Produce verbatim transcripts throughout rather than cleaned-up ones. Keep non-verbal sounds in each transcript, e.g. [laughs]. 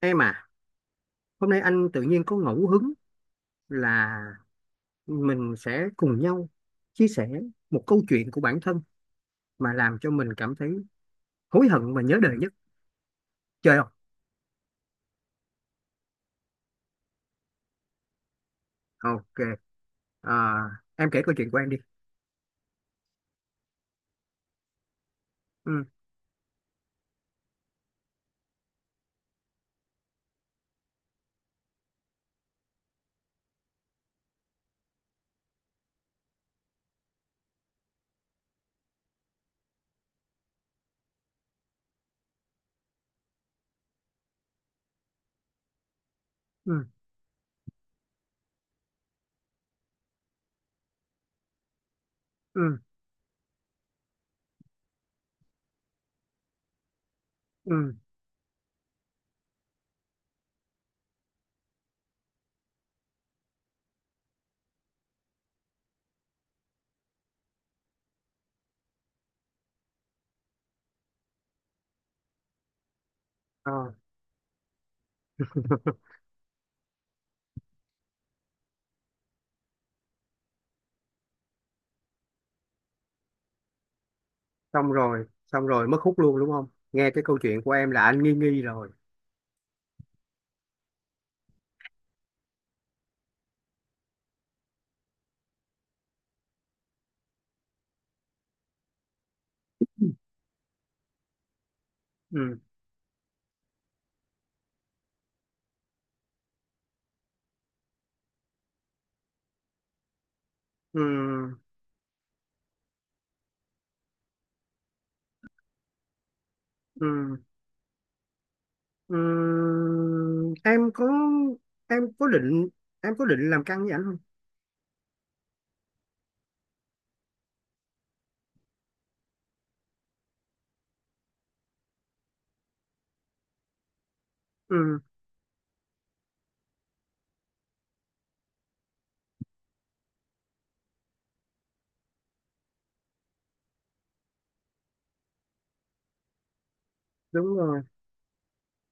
Em à, hôm nay anh tự nhiên có ngẫu hứng là mình sẽ cùng nhau chia sẻ một câu chuyện của bản thân mà làm cho mình cảm thấy hối hận và nhớ đời nhất. Chơi không? Ok. À, em kể câu chuyện của em đi. Ừ, ừ, ừ, ừ. Ờ. [laughs] Xong rồi, xong rồi, mất hút luôn đúng không? Nghe cái câu chuyện của em là anh nghi nghi rồi. Ừ, ừ, ừ, ừ. Em có, em có định, em có định làm căng với anh không? Ừ, đúng rồi.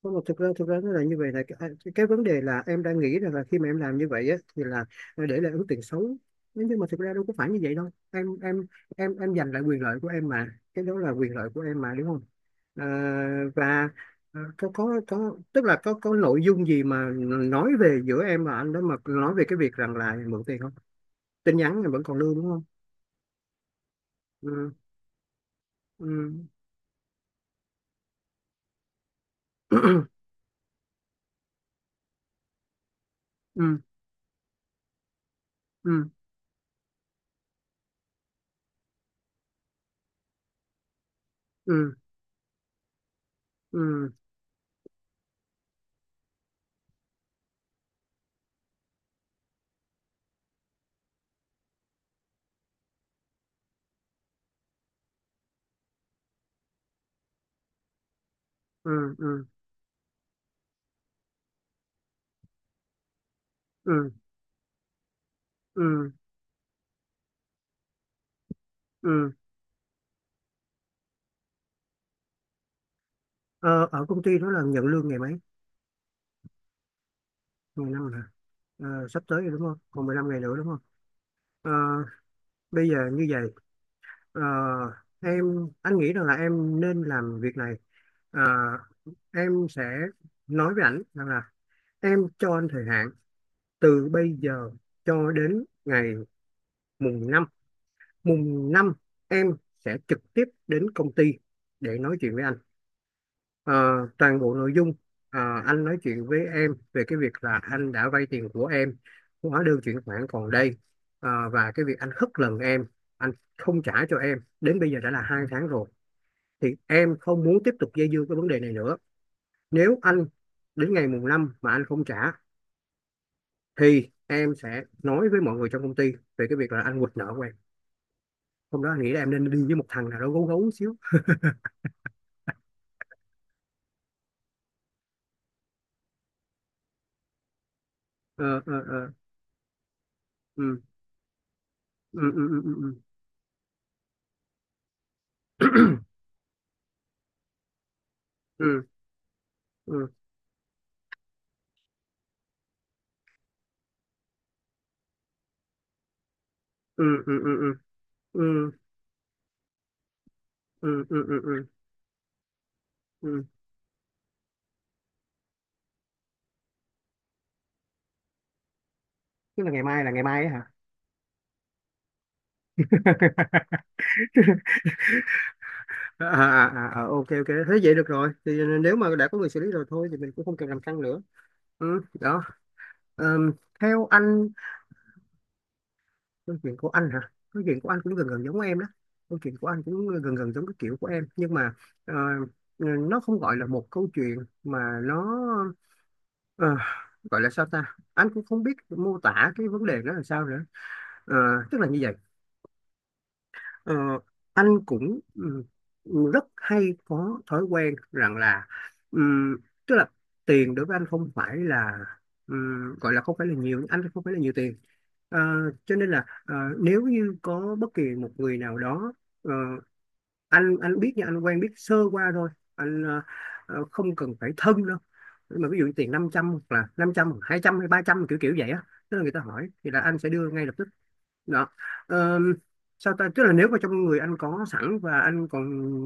Không, mà thực ra thực ra nó là như vậy, là cái, cái vấn đề là em đang nghĩ rằng là khi mà em làm như vậy á, thì là ờ, để lại ấn tượng xấu. Thế nhưng mà thực ra đâu có phải như vậy đâu, em em em em giành lại quyền lợi của em mà, cái đó là quyền lợi của em mà đúng không? À, và ờ, có có có tức là có có nội dung gì mà nói về giữa em và anh đó, mà nói về cái việc rằng là mượn tiền không, tin nhắn em vẫn còn lưu đúng không? Ừ. Ừ. [clears throat] Ừ. Ừ. Ừ. Ừ. Ừ. Ừ. Ừ. Ừ. Ừ. Ờ, ở công ty đó là nhận lương ngày mấy? Ngày năm hả? Ờ, sắp tới rồi đúng không? Còn mười lăm ngày nữa đúng không? Ờ, Bây giờ như vậy, ờ, em anh nghĩ rằng là em nên làm việc này. Ờ, em sẽ nói với ảnh rằng là em cho anh thời hạn từ bây giờ cho đến ngày mùng năm. Mùng năm em sẽ trực tiếp đến công ty để nói chuyện với anh. Ờ, Toàn bộ nội dung, ờ, anh nói chuyện với em về cái việc là anh đã vay tiền của em, hóa đơn chuyển khoản còn đây. Ờ, và cái việc anh hất lần em, anh không trả cho em đến bây giờ đã là hai tháng rồi, thì em không muốn tiếp tục dây dưa cái vấn đề này nữa. Nếu anh đến ngày mùng năm mà anh không trả, thì em sẽ nói với mọi người trong công ty về cái việc là anh quỵt nợ của em. Hôm đó anh nghĩ là em nên đi với một thằng nào đó gấu gấu xíu. Ờ, ờ, ờ. ừ ừ. Ừ. Ừ. Ừ. Ừ. Ừ. Ừ. Ừ. Ừ. Ừ. Ừ. Ừ. Ừ. Ừ. Ừ. Ừ. Tức là ngày mai là ngày mai ấy hả? [laughs] À, à, à, à, ok ok, thế vậy được rồi, thì nếu mà đã có người xử lý rồi thôi thì mình cũng không cần làm căng nữa. Ừ, đó. Ờm, theo anh, câu chuyện của anh hả, câu chuyện của anh cũng gần gần giống em đó. Câu chuyện của anh cũng gần gần giống cái kiểu của em, nhưng mà ờ, ờ, nó không gọi là một câu chuyện mà nó ờ, gọi là sao ta, anh cũng không biết mô tả cái vấn đề đó là sao nữa. Ờ, tức là như vậy. Ờ, anh cũng ừ, rất hay có thói quen rằng là ừm, tức là tiền đối với anh không phải là ừm, gọi là không phải là nhiều, anh không phải là nhiều tiền. Ờ, cho nên là ờ, nếu như có bất kỳ một người nào đó, ờ, anh anh biết nha, anh quen biết sơ qua thôi, anh ờ, ờ, không cần phải thân đâu, nhưng mà ví dụ tiền năm trăm hoặc là năm trăm hai trăm hay ba trăm kiểu kiểu vậy á, tức là người ta hỏi thì là anh sẽ đưa ngay lập tức. Đó. Ờ, Sao ta, tức là nếu mà trong người anh có sẵn và anh còn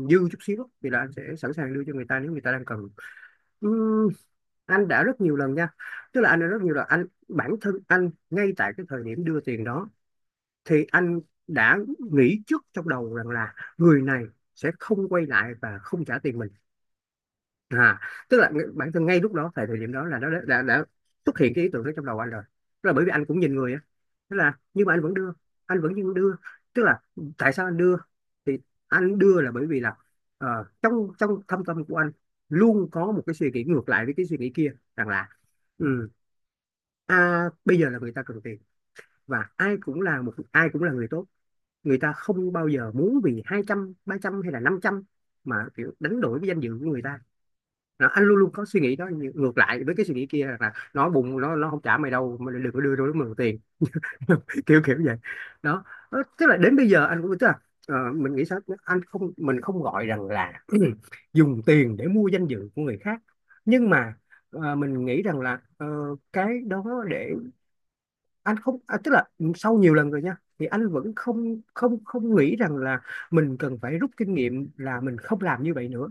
dư chút xíu thì là anh sẽ sẵn sàng đưa cho người ta nếu người ta đang cần. Ừm, anh đã rất nhiều lần nha, tức là anh đã rất nhiều lần, anh bản thân anh ngay tại cái thời điểm đưa tiền đó, thì anh đã nghĩ trước trong đầu rằng là người này sẽ không quay lại và không trả tiền mình. À, tức là ng- bản thân ngay lúc đó, tại thời điểm đó, là nó đã, đã, đã xuất hiện cái ý tưởng đó trong đầu anh rồi, tức là bởi vì anh cũng nhìn người á. Tức là nhưng mà anh vẫn đưa, anh vẫn nhưng đưa. Tức là tại sao anh đưa? Thì anh đưa là bởi vì là ờ, trong trong thâm tâm của anh luôn có một cái suy nghĩ ngược lại với cái suy nghĩ kia, rằng là ừ, à, bây giờ là người ta cần tiền, và ai cũng là một, ai cũng là người tốt, người ta không bao giờ muốn vì hai trăm ba trăm hay là năm trăm mà kiểu đánh đổi với danh dự của người ta. Nó anh luôn luôn có suy nghĩ đó, ngược lại với cái suy nghĩ kia là nó bụng nó nó không trả mày đâu mà đừng có đưa đôi mượn tiền. [laughs] Kiểu kiểu vậy đó. Ờ, tức là đến bây giờ anh cũng tức là ờ, mình nghĩ sao, anh không, mình không gọi rằng là [clears throat] dùng tiền để mua danh dự của người khác, nhưng mà ờ, mình nghĩ rằng là ờ, cái đó để anh không, à, tức là sau nhiều lần rồi nha, thì anh vẫn không không không nghĩ rằng là mình cần phải rút kinh nghiệm là mình không làm như vậy nữa.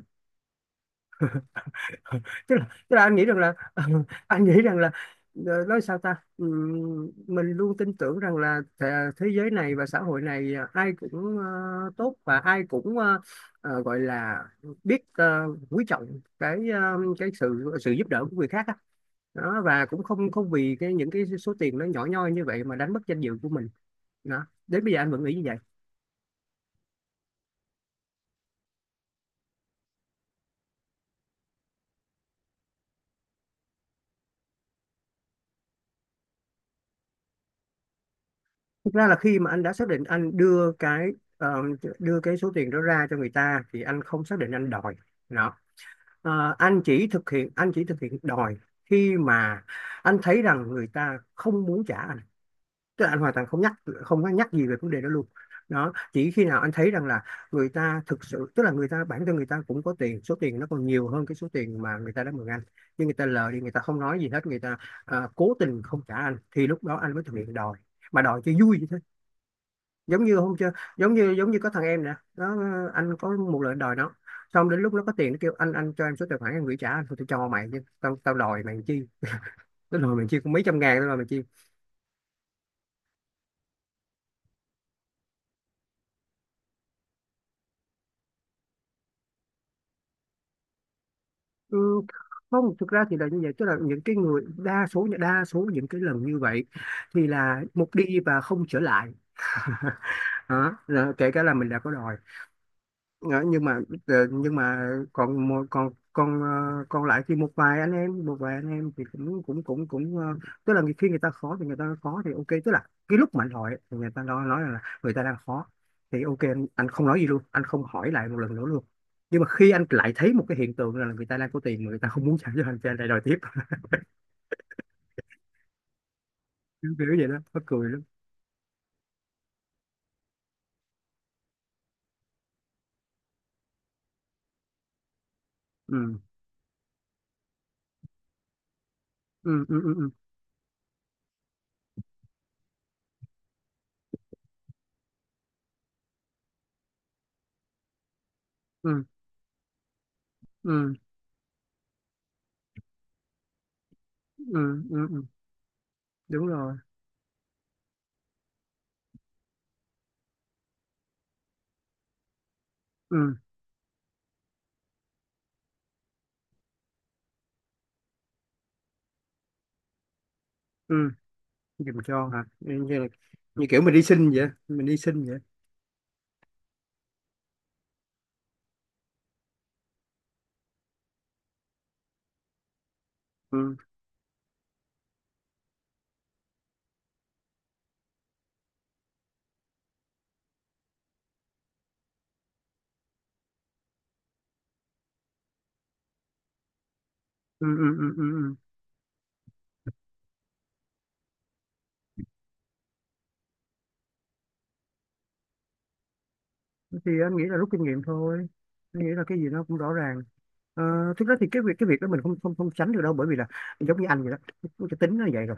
Tức là tức là anh nghĩ rằng là [laughs] anh nghĩ rằng là ờ, nói sao ta. Ừm, mình luôn tin tưởng rằng là thế, thế giới này và xã hội này ờ, ai cũng ờ, tốt, và ai cũng ờ, ờ, gọi là biết ờ, quý trọng cái ờ, cái sự sự giúp đỡ của người khác á. Đó, và cũng không không vì cái những cái số tiền nó nhỏ nhoi như vậy mà đánh mất danh dự của mình. Đó, đến bây giờ anh vẫn nghĩ như vậy. Thực ra là khi mà anh đã xác định anh đưa cái ờ, đưa cái số tiền đó ra cho người ta, thì anh không xác định anh đòi. Đó. Ờ, anh chỉ thực hiện anh chỉ thực hiện đòi khi mà anh thấy rằng người ta không muốn trả anh, tức là anh hoàn toàn không nhắc, không có nhắc gì về vấn đề đó luôn. Đó, chỉ khi nào anh thấy rằng là người ta thực sự, tức là người ta bản thân, người ta cũng có tiền, số tiền nó còn nhiều hơn cái số tiền mà người ta đã mượn anh, nhưng người ta lờ đi, người ta không nói gì hết, người ta ờ, cố tình không trả anh, thì lúc đó anh mới thực hiện đòi, mà đòi cho vui vậy. Giống như hôm chưa, giống như giống như có thằng em nè, nó, anh có một lần đòi nó, xong đến lúc nó có tiền nó kêu anh anh cho em số tài khoản em gửi trả anh. Thôi, tôi cho mày, chứ tao tao đòi mày chi, tao đòi mày chi, cũng mấy trăm ngàn tao đòi mày chi. Ừ, không, thực ra thì là như vậy, tức là những cái người đa số đa số những cái lần như vậy thì là một đi và không trở lại. [laughs] Đó, là kể cả là mình đã có đòi. Ờ, nhưng mà ờ, nhưng mà còn một- còn còn ờ, còn lại thì một vài anh em một vài anh em thì cũng cũng cũng cũng ờ, tức là khi người ta khó thì người ta khó thì ok, tức là cái lúc mà anh hỏi thì người ta nói nói là người ta đang khó, thì ok anh, anh không nói gì luôn, anh không hỏi lại một lần nữa luôn. Nhưng mà khi anh lại thấy một cái hiện tượng là người ta đang có tiền mà người ta không muốn trả cho anh, thì anh lại đòi tiếp. [laughs] Kiểu kiểu vậy đó, mắc cười lắm. Ừ. Ừ. Ừ. Ừ. Ừ. Ừ. Ừ. Ừ. Ừ, ừ. Đúng rồi. Ừ. Ừ. Dùm cho hả, như là như kiểu mình đi xin vậy, mình đi xin vậy. Ừ. Ừ, ừ, ừ, ừ. Ừ. Thì anh nghĩ là rút kinh nghiệm thôi, anh nghĩ là cái gì nó cũng rõ ràng. Ờ, thực ra thì cái việc cái việc đó mình không không không tránh được đâu, bởi vì là giống như anh vậy đó, cái tính nó vậy rồi.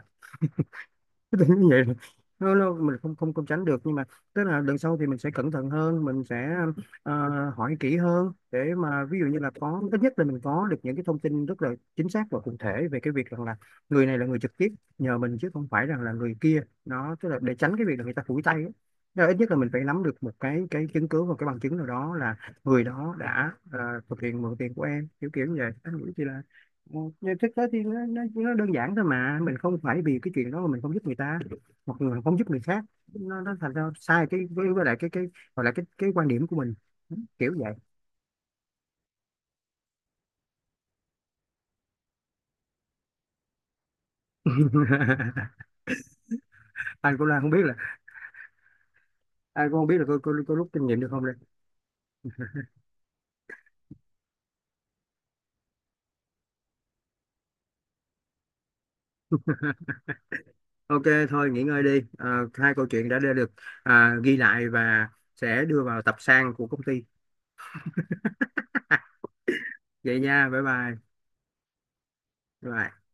[laughs] Tự nhiên vậy là- nó, nó mình không không không tránh được, nhưng mà tức là lần sau thì mình sẽ cẩn thận hơn, mình sẽ ờ, hỏi kỹ hơn, để mà ví dụ như là có ít nhất là mình có được những cái thông tin rất là chính xác và cụ thể về cái việc rằng là người này là người trực tiếp nhờ mình, chứ không phải rằng là người kia, nó tức là để tránh cái việc là người ta phủi tay ấy. Tức là ít nhất là mình phải nắm được một cái cái chứng cứ và cái bằng chứng nào đó là người đó đã ờ, thực hiện mượn tiền của em, kiểu kiểu như vậy anh nghĩ chị. Ừ, nhưng thực tế thì nó, nó, nó đơn giản thôi mà, mình không phải vì cái chuyện đó mà mình không giúp người ta hoặc là không giúp người khác, nó, nó thành ra sai cái với, với lại cái cái gọi là cái cái quan điểm của mình. Ừ, kiểu vậy. [laughs] Anh cũng đang không biết là anh cũng không biết là có, có, có rút kinh nghiệm được không đây. Ok, thôi nghỉ ngơi đi. À, hai câu chuyện đã đã được, à, ghi lại và sẽ đưa vào tập san của công ty. [laughs] Vậy nha, bye bye. Bye.